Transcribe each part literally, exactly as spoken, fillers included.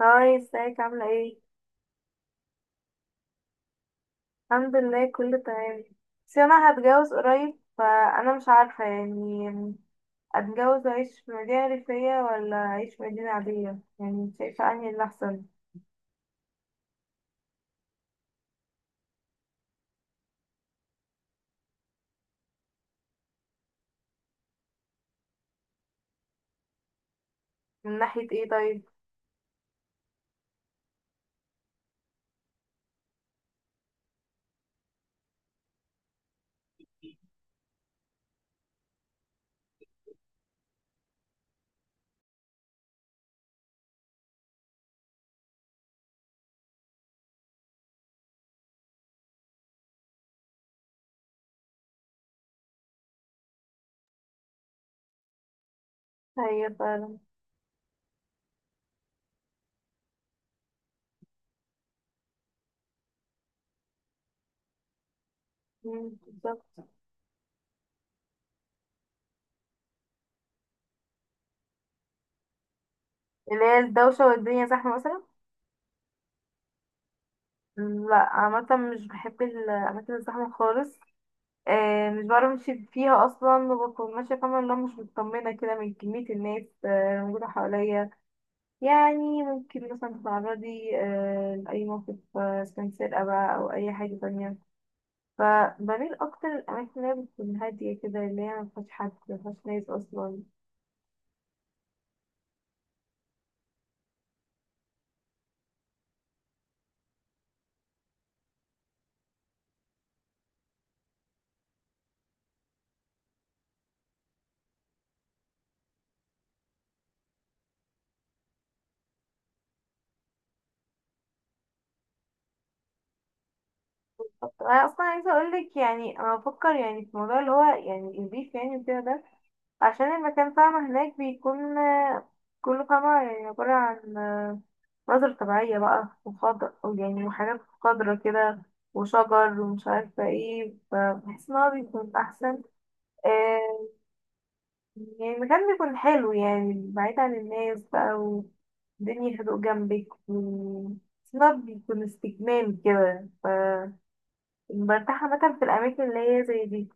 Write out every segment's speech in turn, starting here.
هاي، ازيك؟ عاملة ايه؟ الحمد لله، كله تمام. بس انا هتجوز قريب، فانا مش عارفة، يعني اتجوز اعيش في مدينة ريفية ولا اعيش في مدينة عادية. يعني شايفة انهي اللي احسن من ناحية ايه طيب؟ هي فعلا. مم، بالظبط. اللي هي الدوشة والدنيا زحمة مثلا. مم، لا عامة مش بحب الأماكن الزحمة خالص. آه، مش بعرف امشي فيها اصلا، وبكون ماشية فاهمة اللي هو مش مطمنة كده من كمية الناس آه موجودة حواليا. يعني ممكن مثلا تتعرضي آه، لأي موقف، آه، إذا كان سرقة بقى أو أي حاجة تانية. فبميل أكتر للأماكن اللي هي بتكون هادية كده، اللي هي مفيهاش حد، مفيهاش ناس أصلا. أنا أصلا عايزة أقولك، يعني أنا بفكر يعني في موضوع اللي هو يعني الريف يعني وكده ده، عشان المكان فاهمة هناك بيكون آه، كله فاهمة يعني عبارة عن مناظر طبيعية بقى وخضر، يعني وحاجات خضرة كده وشجر ومش عارفة ايه. فبحس ان هو بيكون أحسن. آه، يعني مكان بيكون حلو، يعني بعيد عن الناس بقى، والدنيا هدوء جنبك و- بس إن هو بيكون استجمام كده. ف برتاح عامة في الأماكن اللي هي زي دي.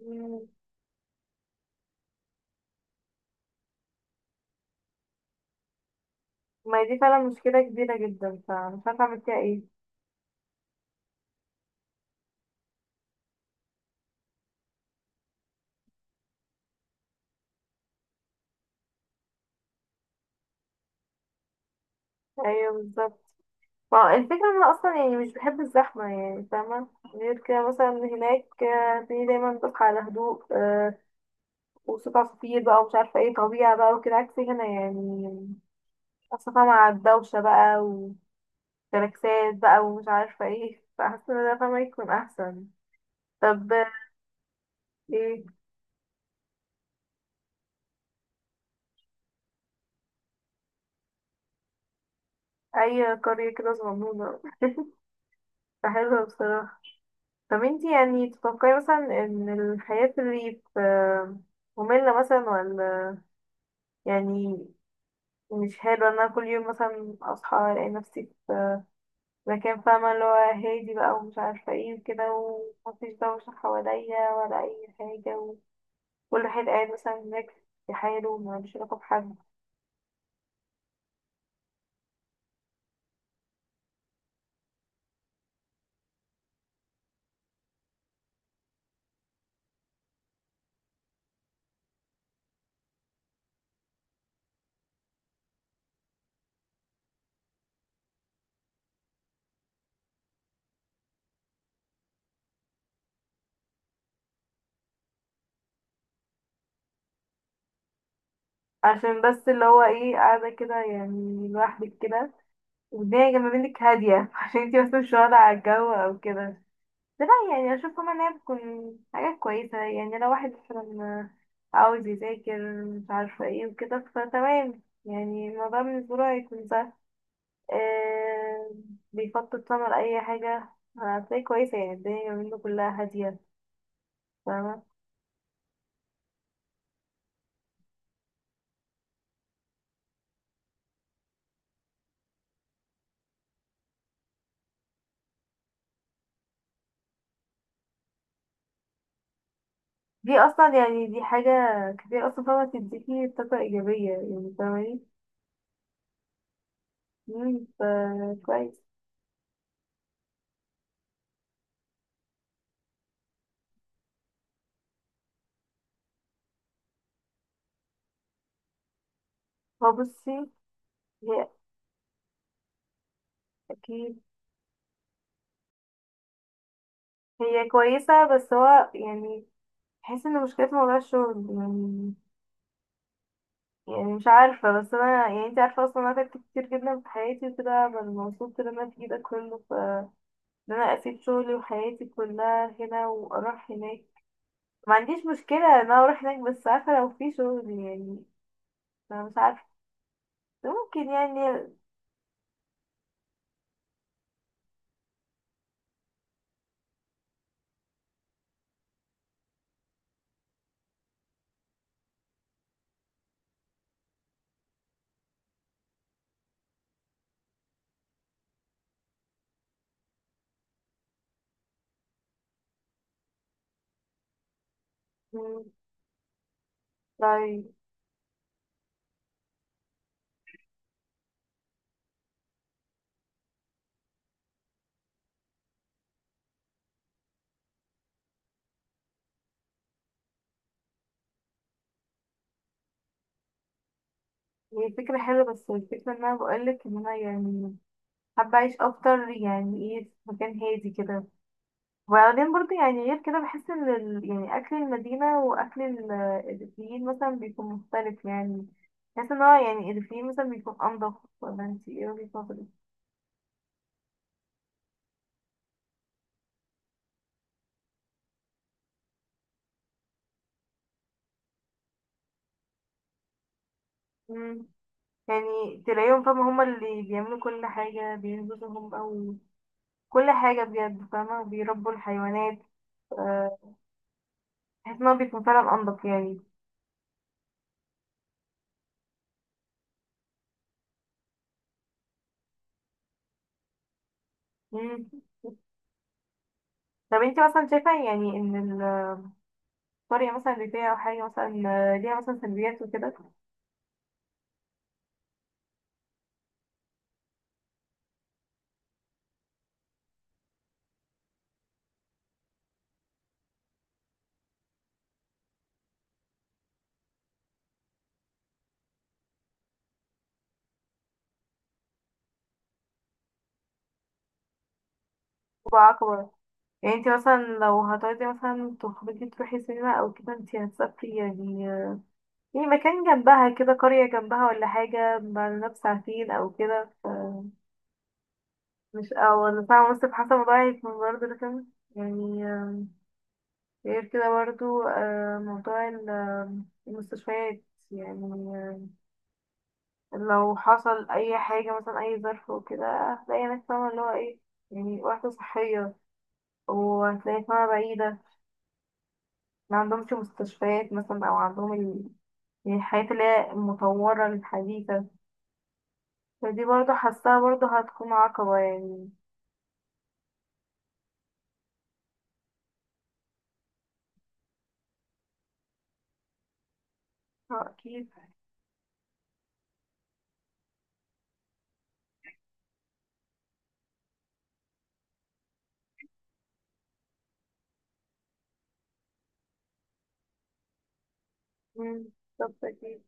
مم. ما هي دي فعلا مشكلة كبيرة جدا، فمش عارفة أعمل فيها إيه. أيوه بالظبط. فا الفكرة إن أنا أصلا يعني مش بحب الزحمة يعني، فاهمة؟ غير كده مثلا هناك، آه، في دايما بصحى على هدوء، آه، وصوت عصافير بقى ومش عارفة ايه، طبيعة بقى وكده، عكس هنا يعني أصلا مع الدوشة بقى، جالاكسات بقى ومش عارفة ايه. فحاسة ان ده فاهمة يكون احسن. طب ايه اي قرية كده صغنونة، فحلوة بصراحة. طب انتي يعني تتوقعي مثلا ان الحياة في الريف آه، مملة مثلا، ولا يعني مش حلوة ان انا كل يوم مثلا اصحى الاقي نفسي في مكان فاهمة اللي هو هادي بقى ومش عارفة ايه وكده، ومفيش دوشة حواليا ولا اي حاجة، وكل واحد قاعد مثلا هناك في حاله ومالوش علاقة بحد؟ عشان بس اللي هو ايه قاعدة كده يعني لوحدك كده، والدنيا جنب منك هادية عشان انتي بس مش واخدة على الجو او كده. بس لا، يعني أشوف كمان إنها بتكون حاجة كويسة، يعني لو واحد مثلا عاوز يذاكر مش عارفة ايه وكده، فتمام، يعني الموضوع بالنسبة له هيكون سهل. آه، بيخطط طبعا لأي حاجة. هتلاقي كويسة يعني الدنيا جنب منه كلها هادية، فاهمة؟ دي أصلا يعني دي حاجة كتير أصلا فاهمة تديكي طاقة إيجابية يعني، فاهمة؟ مم، ف- كويس. هو بصي، هي اكيد هي كويسة، بس هو يعني بحس ان مشكلة موضوع الشغل يعني، يعني مش عارفة. بس انا يعني انت عارفة اصلا انا تعبت كتير جدا في حياتي وكده، ببقى مبسوط لما في ده كله. ف ان انا اسيب شغلي وحياتي كلها هنا واروح هناك، ما عنديش مشكلة ان انا اروح هناك، بس عارفة لو في شغل يعني. انا مش عارفة، ممكن يعني. مم، طيب. هي فكرة حلوة، بس الفكرة ان انا بقولك ان انا يعني حابة أعيش أكتر، يعني إيه، في مكان هادي كده. وبعدين برضه يعني غير كده بحس إن ال... يعني أكل المدينة وأكل ال- الريفيين مثلا بيكون مختلف يعني. بحس إن هو يعني الريفيين مثلا بيكون أنضف، ولا أنتي إيه وجهة نظرك؟ مم. يعني تلاقيهم فاهمة هما اللي بيعملوا كل حاجة، بينزلوا هم أو كل حاجة بجد فاهمة، بيربوا الحيوانات. آه، بحس إن هو بيكون فعلا أنضف يعني. مم. طب انتي مثلا شايفة يعني ان قرية مثلا ريفية أو حاجة مثلا آه، ليها مثلا سلبيات وكده وبقى أكبر؟ يعني انتي مثلا لو هتقعدي مثلا تخرجي تروحي سينما أو كده، انتي هتسافري يعني، آه، يعني مكان جنبها كده، قرية جنبها ولا حاجة، بعد بساعتين أو كده، مش أو ولا ساعة ونص، في حسب موضوع هيكون برضه رخم يعني. آه، غير كده برضه، آه، موضوع ال- آه، المستشفيات يعني، آه، لو حصل أي حاجة مثلا، أي ظرف وكده، هتلاقي هناك فاهمة اللي هو ايه، يعني وحدة صحية، وهتلاقي اسمها بعيدة، ما عندهمش مستشفيات مثلا، أو عندهم ال- يعني الحاجات اللي هي المطورة الحديثة. فدي برضه حاساها برضه هتكون عقبة يعني. آه، أكيد. مم، بالظبط أكيد.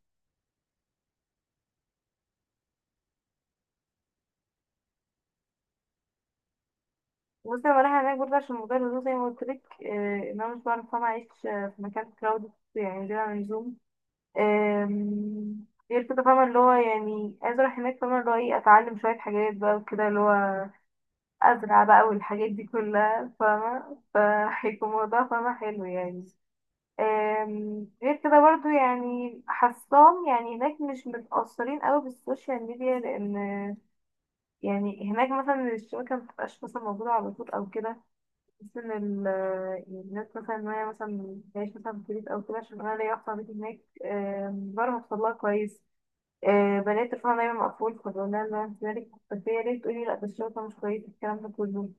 بصي أنا رايحة هناك برضه عشان موضوع الهدوء زي ما قلتلك، آه، إن أنا مش بعرف طبعا أعيش آه، في مكان كراودد يعني بلا لزوم. آم، غير كده فاهمة اللي هو يعني عايزة أروح هناك فاهمة اللي هو إيه، أتعلم شوية حاجات بقى وكده، اللي هو أزرع بقى والحاجات دي كلها فاهمة، فهيكون الموضوع فاهمة حلو يعني. أم، غير كده برضو يعني حاساهم يعني هناك مش متأثرين قوي بالسوشيال ميديا، لأن يعني هناك مثلا الشبكة مبتبقاش مثلا موجودة على طول أو كده. بس إن ال- يعني الناس مثلا إن هي مثلا تعيش مثلا في بيت أو كده، عشان أنا ليا أخت بيت هناك. أم، بعرف أوصلها كويس. أه، بلاقي تليفونها دايما مقفول، فبقول لها إن أنا مالك، بس هي ليه تقولي لأ، ده الشبكة مش كويسة الكلام ده كله.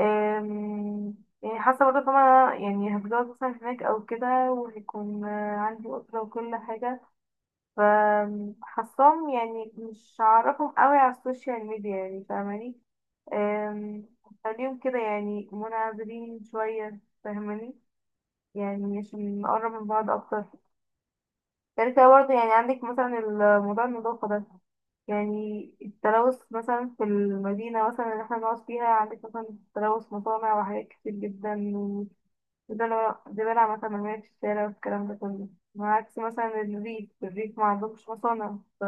أم، يعني حاسة برضه طبعا يعني هتجوز مثلا هناك أو كده، وهيكون آه، عندي أسرة وكل حاجة، فحاساهم يعني مش هعرفهم قوي على السوشيال ميديا يعني، فاهماني؟ أم، هخليهم كده يعني منعزلين شوية، فاهماني؟ يعني عشان نقرب من بعض أكتر. غير كده برضه يعني عندك مثلا الموضوع النظافة ده، يعني التلوث مثلا في المدينة مثلا اللي احنا بنقعد فيها، عندك مثلا تلوث مصانع وحاجات كتير جدا، ده انا ده بلعب مثلا مرمية في الشارع والكلام ده كله. عكس مثلا الريف، الريف ما عندهمش مصانع، ف-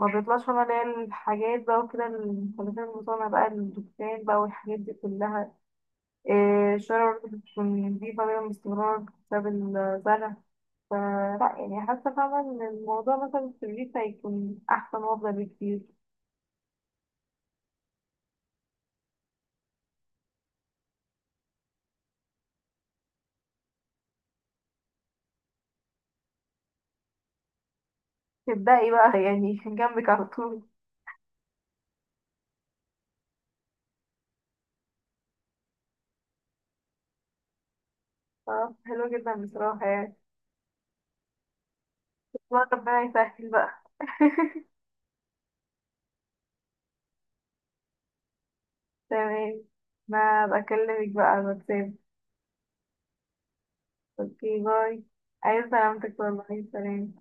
ما بيطلعش هنا اللي هي الحاجات بقى وكده، المخلفات المصانع بقى، الدكان بقى، والحاجات دي كلها. إيه، الشارع برضه بتكون نضيفة دايما باستمرار بسبب الزرع. فلا يعني حاسة فعلا إن الموضوع مثلا في الريف هيكون أحسن وأفضل بكتير. تبدأي بقى يعني جنبك على طول. آه، حلو جدا بصراحة يعني. بس ربنا يسهل بقى تمام، ما بكلمك بقى على الواتساب. اوكي باي. عايز سلامتك والله، سلام.